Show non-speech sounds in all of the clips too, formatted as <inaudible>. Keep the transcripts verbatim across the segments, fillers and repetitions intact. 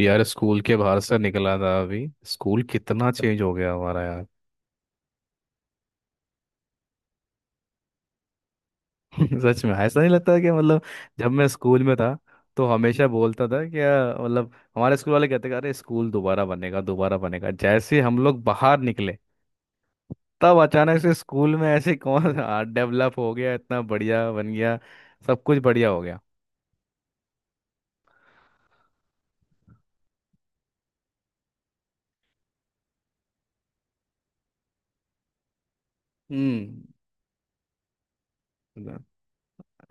यार स्कूल के बाहर से निकला था। अभी स्कूल कितना चेंज हो गया हमारा यार <laughs> सच में ऐसा नहीं लगता कि मतलब जब मैं स्कूल में था तो हमेशा बोलता था कि यार, मतलब हमारे स्कूल वाले कहते थे, अरे स्कूल दोबारा बनेगा दोबारा बनेगा। जैसे ही हम लोग बाहर निकले तब अचानक से स्कूल में ऐसे कौन <laughs> डेवलप हो गया, इतना बढ़िया बन गया, सब कुछ बढ़िया हो गया। हम्म,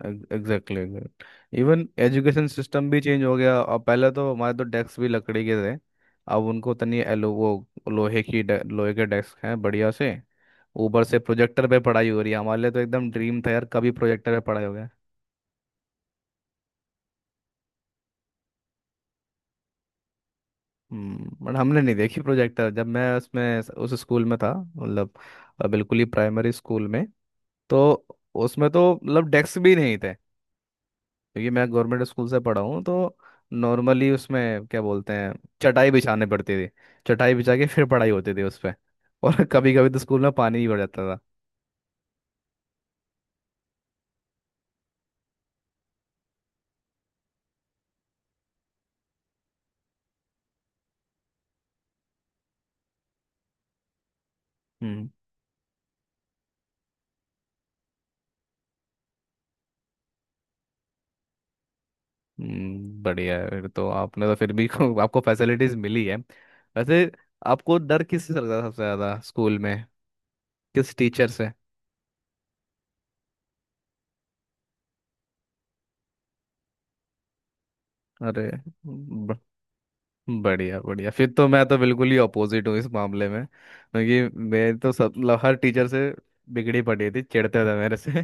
एग्जैक्टली। इवन एजुकेशन सिस्टम भी चेंज हो गया। अब पहले तो हमारे तो डेस्क भी लकड़ी के थे। अब उनको तनी एलो वो लोहे की डे- लोहे के डेस्क हैं बढ़िया से। ऊपर से प्रोजेक्टर पे पढ़ाई हो रही है। हमारे लिए तो एकदम ड्रीम था यार, कभी प्रोजेक्टर पे पढ़ाई हो गया। हम्म, बट हमने नहीं देखी प्रोजेक्टर। जब मैं उसमें उस स्कूल में था मतलब अ, बिल्कुल ही प्राइमरी स्कूल में, तो उसमें तो मतलब डेस्क भी नहीं थे क्योंकि मैं गवर्नमेंट स्कूल से पढ़ा हूँ। तो नॉर्मली उसमें क्या बोलते हैं, चटाई बिछाने पड़ती थी। चटाई बिछा के फिर पढ़ाई होती थी उस पर। और <laughs> कभी कभी तो स्कूल में पानी भी भर जाता था। हम्म। हम्म, बढ़िया है फिर तो, आपने तो फिर भी <laughs> को, आपको फैसिलिटीज मिली है वैसे। आपको डर किससे लगता था सबसे ज्यादा स्कूल में? किस टीचर से? अरे ब- बढ़िया बढ़िया, फिर तो मैं तो बिल्कुल ही अपोजिट हूँ इस मामले में क्योंकि मैं तो सब मतलब हर टीचर से बिगड़ी पड़ी थी, चिढ़ते थे मेरे से <laughs>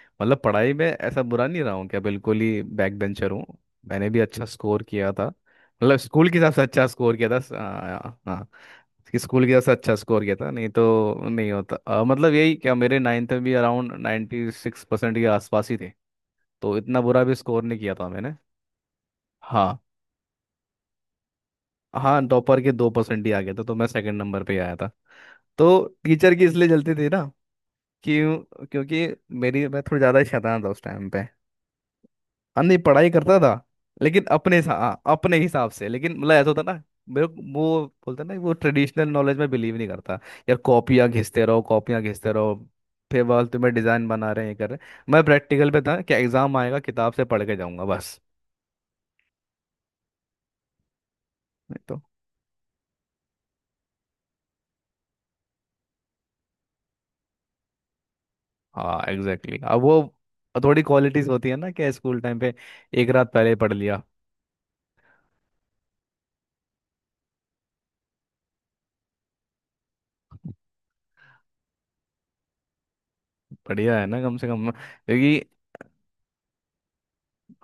मतलब पढ़ाई में ऐसा बुरा नहीं रहा हूँ क्या, बिल्कुल ही बैक बेंचर हूँ। मैंने भी अच्छा स्कोर किया था, मतलब स्कूल के हिसाब से अच्छा स्कोर किया था। हाँ हाँ, कि स्कूल के हिसाब से अच्छा स्कोर किया था, नहीं तो नहीं होता। अ, मतलब यही क्या, मेरे नाइन्थ में भी अराउंड नाइन्टी सिक्स परसेंट के आसपास ही थे, तो इतना बुरा भी स्कोर नहीं किया था मैंने। हाँ। हाँ, टॉपर के दो परसेंट ही आ गया था तो मैं सेकंड नंबर पे ही आया था। तो टीचर की इसलिए जलती थी ना। क्यों, क्योंकि मेरी मैं थोड़ी ज़्यादा शैतान था उस टाइम पे। हाँ, नहीं पढ़ाई करता था लेकिन अपने सा- हाँ, अपने हिसाब से। लेकिन मतलब ऐसा होता ना, मेरे को- वो बोलता ना, वो ट्रेडिशनल नॉलेज में बिलीव नहीं करता। यार कॉपियाँ घिसते रहो, कॉपियाँ घिसते रहो, फिर वाल तुम्हें डिजाइन बना रहे हैं ये कर रहे हैं। मैं प्रैक्टिकल पे था कि एग्जाम आएगा किताब से पढ़ के जाऊंगा बस। नहीं तो, हाँ एग्जैक्टली exactly। अब वो थोड़ी क्वालिटीज होती है ना कि स्कूल टाइम पे एक रात पहले ही पढ़ लिया। बढ़िया है ना कम से कम, क्योंकि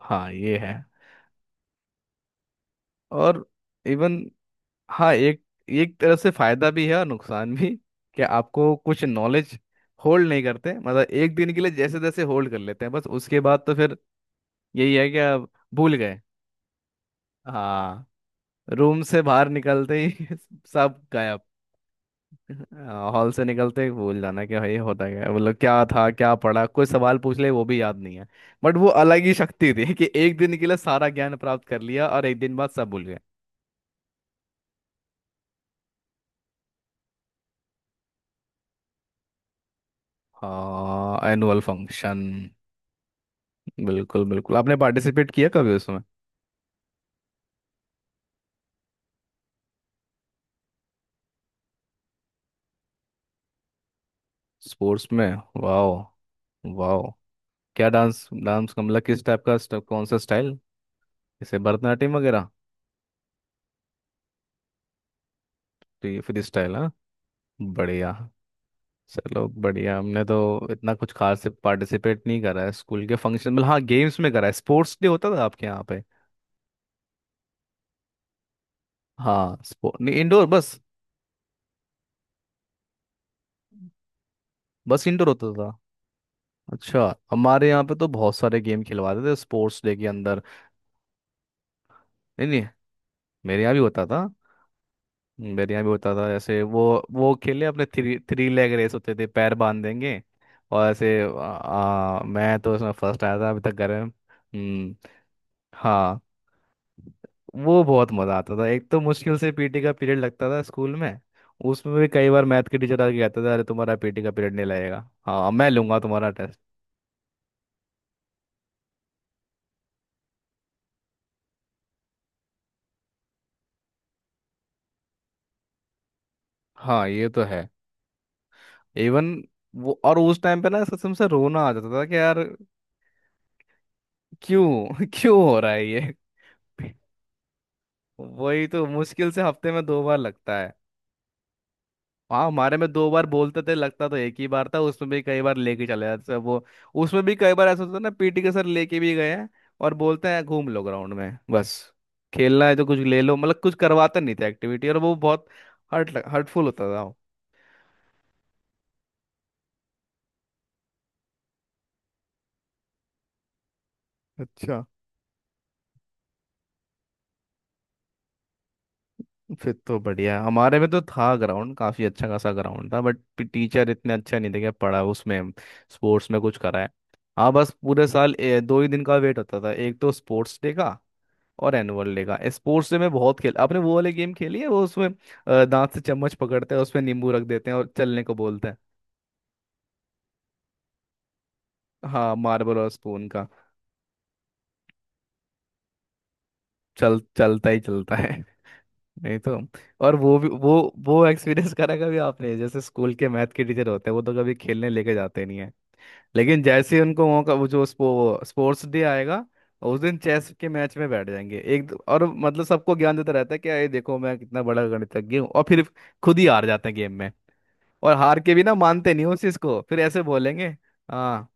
हाँ ये है। और इवन, हाँ एक एक तरह से फायदा भी है और नुकसान भी, कि आपको कुछ नॉलेज होल्ड नहीं करते। मतलब एक दिन के लिए जैसे तैसे होल्ड कर लेते हैं बस, उसके बाद तो फिर यही है कि आप भूल गए। हाँ, रूम से बाहर निकलते ही <laughs> सब गायब। हाँ, हॉल से निकलते ही भूल जाना कि भाई होता क्या है, मतलब क्या था क्या पढ़ा, कोई सवाल पूछ ले वो भी याद नहीं है। बट वो अलग ही शक्ति थी कि एक दिन के लिए सारा ज्ञान प्राप्त कर लिया और एक दिन बाद सब भूल गए। हाँ, एनुअल फंक्शन। बिल्कुल बिल्कुल, आपने पार्टिसिपेट किया कभी उसमें? स्पोर्ट्स में? वाओ। वाओ, क्या डांस? डांस का मतलब किस टाइप का स्टे- कौन सा स्टाइल, जैसे भरतनाट्यम वगैरह? तो ये फ्री स्टाइल, हाँ। बढ़िया। चलो बढ़िया, हमने तो इतना कुछ खास से पार्टिसिपेट नहीं करा है स्कूल के फंक्शन में। हाँ, गेम्स में करा है। स्पोर्ट्स डे होता था आपके यहाँ पे? हाँ, स्पोर्ट नहीं, इंडोर बस। बस इंडोर होता था। अच्छा, हमारे यहाँ पे तो बहुत सारे गेम खिलवाते थे स्पोर्ट्स डे के अंदर। नहीं नहीं, मेरे यहाँ भी होता था। बढ़िया भी होता था। जैसे वो वो खेले अपने, थ्री थ्री लेग रेस होते थे, पैर बांध देंगे और ऐसे आ, आ, मैं तो उसमें फर्स्ट आया था अभी तक घर में। हम्म। हाँ, वो बहुत मज़ा आता था। एक तो मुश्किल से पीटी का पीरियड लगता था स्कूल में, उसमें भी कई बार मैथ के टीचर आके कहते थे, अरे तुम्हारा पीटी का पीरियड नहीं लगेगा, हाँ मैं लूंगा तुम्हारा टेस्ट। हाँ ये तो है। इवन वो, और उस टाइम पे ना कसम से रोना आ जाता था कि यार क्यों <laughs> क्यों हो रहा है ये। <laughs> वही तो, मुश्किल से हफ्ते में दो बार लगता है। हाँ, हमारे में दो बार बोलते थे, लगता तो एक ही बार था, उसमें भी कई बार लेके चले जाते थे वो। उसमें भी कई बार ऐसा होता था ना, पीटी के सर लेके भी गए हैं और बोलते हैं घूम लो ग्राउंड में बस, खेलना है तो कुछ ले लो। मतलब कुछ करवाते नहीं थे एक्टिविटी, और वो बहुत हर्ट हर्टफुल होता था वो। अच्छा, फिर तो बढ़िया है। हमारे में तो था ग्राउंड, काफी अच्छा खासा ग्राउंड था, बट टीचर इतने अच्छा नहीं थे कि पढ़ा उसमें, स्पोर्ट्स में कुछ कराए। हाँ, बस पूरे साल ए, दो ही दिन का वेट होता था, एक तो स्पोर्ट्स डे का और एनुअल डे का। स्पोर्ट्स डे में बहुत खेल, आपने वो वाले गेम खेली है वो उसमें, अ, दांत से चम्मच पकड़ते हैं उसमें नींबू रख देते हैं और चलने को बोलते हैं। हाँ, मार्बल और स्पून का। चल चलता ही चलता है <laughs> नहीं तो। और वो भी वो वो एक्सपीरियंस करा कभी आपने, जैसे स्कूल के मैथ के टीचर होते हैं वो तो कभी खेलने लेके जाते नहीं है, लेकिन जैसे ही उनको मौका, वो जो स्पो, स्पोर्ट्स डे आएगा उस दिन चेस के मैच में बैठ जाएंगे। एक और मतलब सबको ज्ञान देता रहता है कि ये देखो मैं कितना बड़ा गणितज्ञ हूँ, और फिर खुद ही हार जाते हैं गेम में। और हार के भी ना, मानते नहीं उस चीज को, फिर ऐसे बोलेंगे। हाँ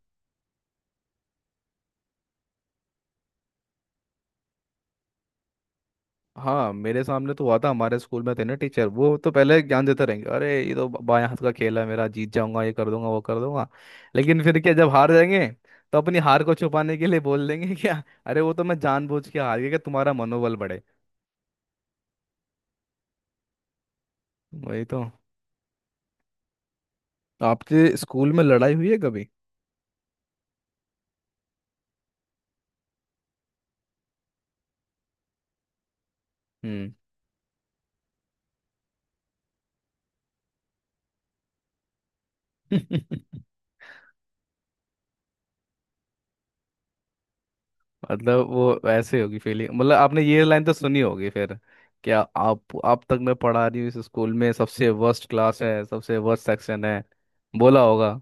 हाँ, मेरे सामने तो हुआ था। हमारे स्कूल में थे ना टीचर, वो तो पहले ज्ञान देते रहेंगे, अरे ये तो बाएं हाथ का खेल है मेरा, जीत जाऊंगा, ये कर दूंगा वो कर दूंगा। लेकिन फिर क्या जब हार जाएंगे तो अपनी हार को छुपाने के लिए बोल देंगे क्या, अरे वो तो मैं जानबूझ के हार गया कि तुम्हारा मनोबल बढ़े। वही तो। आपके स्कूल में लड़ाई हुई है कभी? हम्म। <laughs> मतलब वो ऐसे होगी फीलिंग, मतलब आपने ये लाइन तो सुनी होगी फिर, क्या, आप आप तक मैं पढ़ा रही हूँ इस स्कूल में, सबसे वर्स्ट क्लास है सबसे वर्स्ट सेक्शन है। बोला होगा,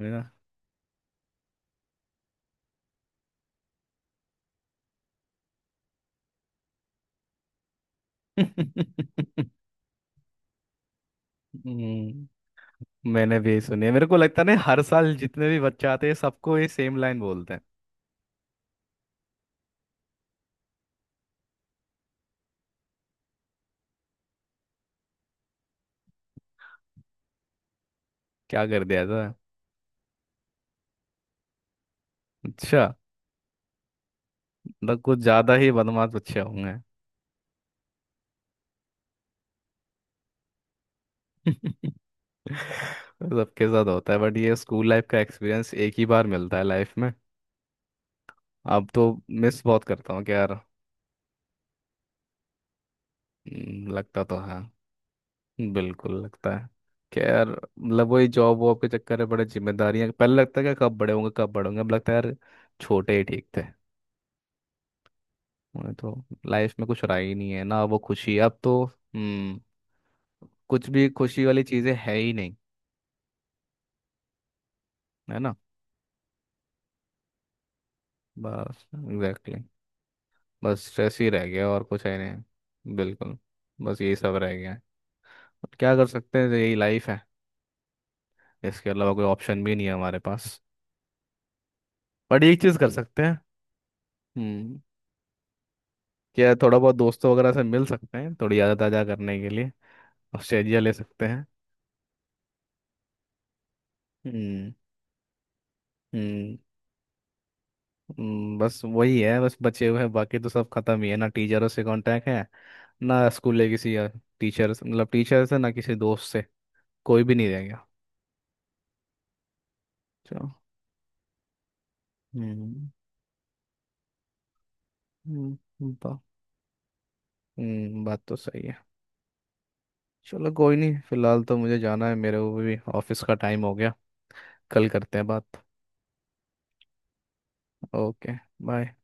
है ना? <laughs> हम्म, मैंने भी यही सुनी है। मेरे को लगता है ना, हर साल जितने भी बच्चे आते हैं सबको ये सेम लाइन बोलते हैं। क्या कर दिया था? अच्छा, मतलब कुछ ज्यादा ही बदमाश बच्चे होंगे। <laughs> सबके साथ होता है, बट ये स्कूल लाइफ का एक्सपीरियंस एक ही बार मिलता है लाइफ में। अब तो मिस बहुत करता हूँ कि यार। हम्म, लगता तो है। बिल्कुल लगता है कि यार, मतलब वही जॉब वॉब के चक्कर में बड़े जिम्मेदारियां, पहले लगता है कि कब बड़े होंगे कब बड़े होंगे, अब लगता है यार छोटे ही ठीक थे। उन्हें तो लाइफ में कुछ रहा ही नहीं है ना, वो खुशी अब तो। हम्म, कुछ भी खुशी वाली चीजें है ही नहीं। है ना? बस एग्जैक्टली exactly। बस स्ट्रेस ही रह गया और कुछ है नहीं बिल्कुल। बस यही सब रह गया है। क्या कर सकते हैं, तो यही लाइफ है। इसके अलावा कोई ऑप्शन भी नहीं है हमारे पास। बट एक चीज़ कर सकते हैं। हम्म, क्या, थोड़ा बहुत दोस्तों वगैरह से मिल सकते हैं थोड़ी यादें ताज़ा करने के लिए। ऑस्ट्रेलिया ले सकते हैं। हम्म। हम्म। हम्म, बस वही है, बस बचे हुए हैं, बाकी तो सब खत्म ही है ना। टीचरों से कांटेक्ट है ना स्कूल के किसी टीचर, मतलब टीचर से ना, किसी दोस्त से, कोई भी नहीं रह गया। चलो। हम्म। हम्म बा- हम्म, बात तो सही है। चलो कोई नहीं, फिलहाल तो मुझे जाना है, मेरे को भी ऑफिस का टाइम हो गया। कल करते हैं बात। ओके। बाय।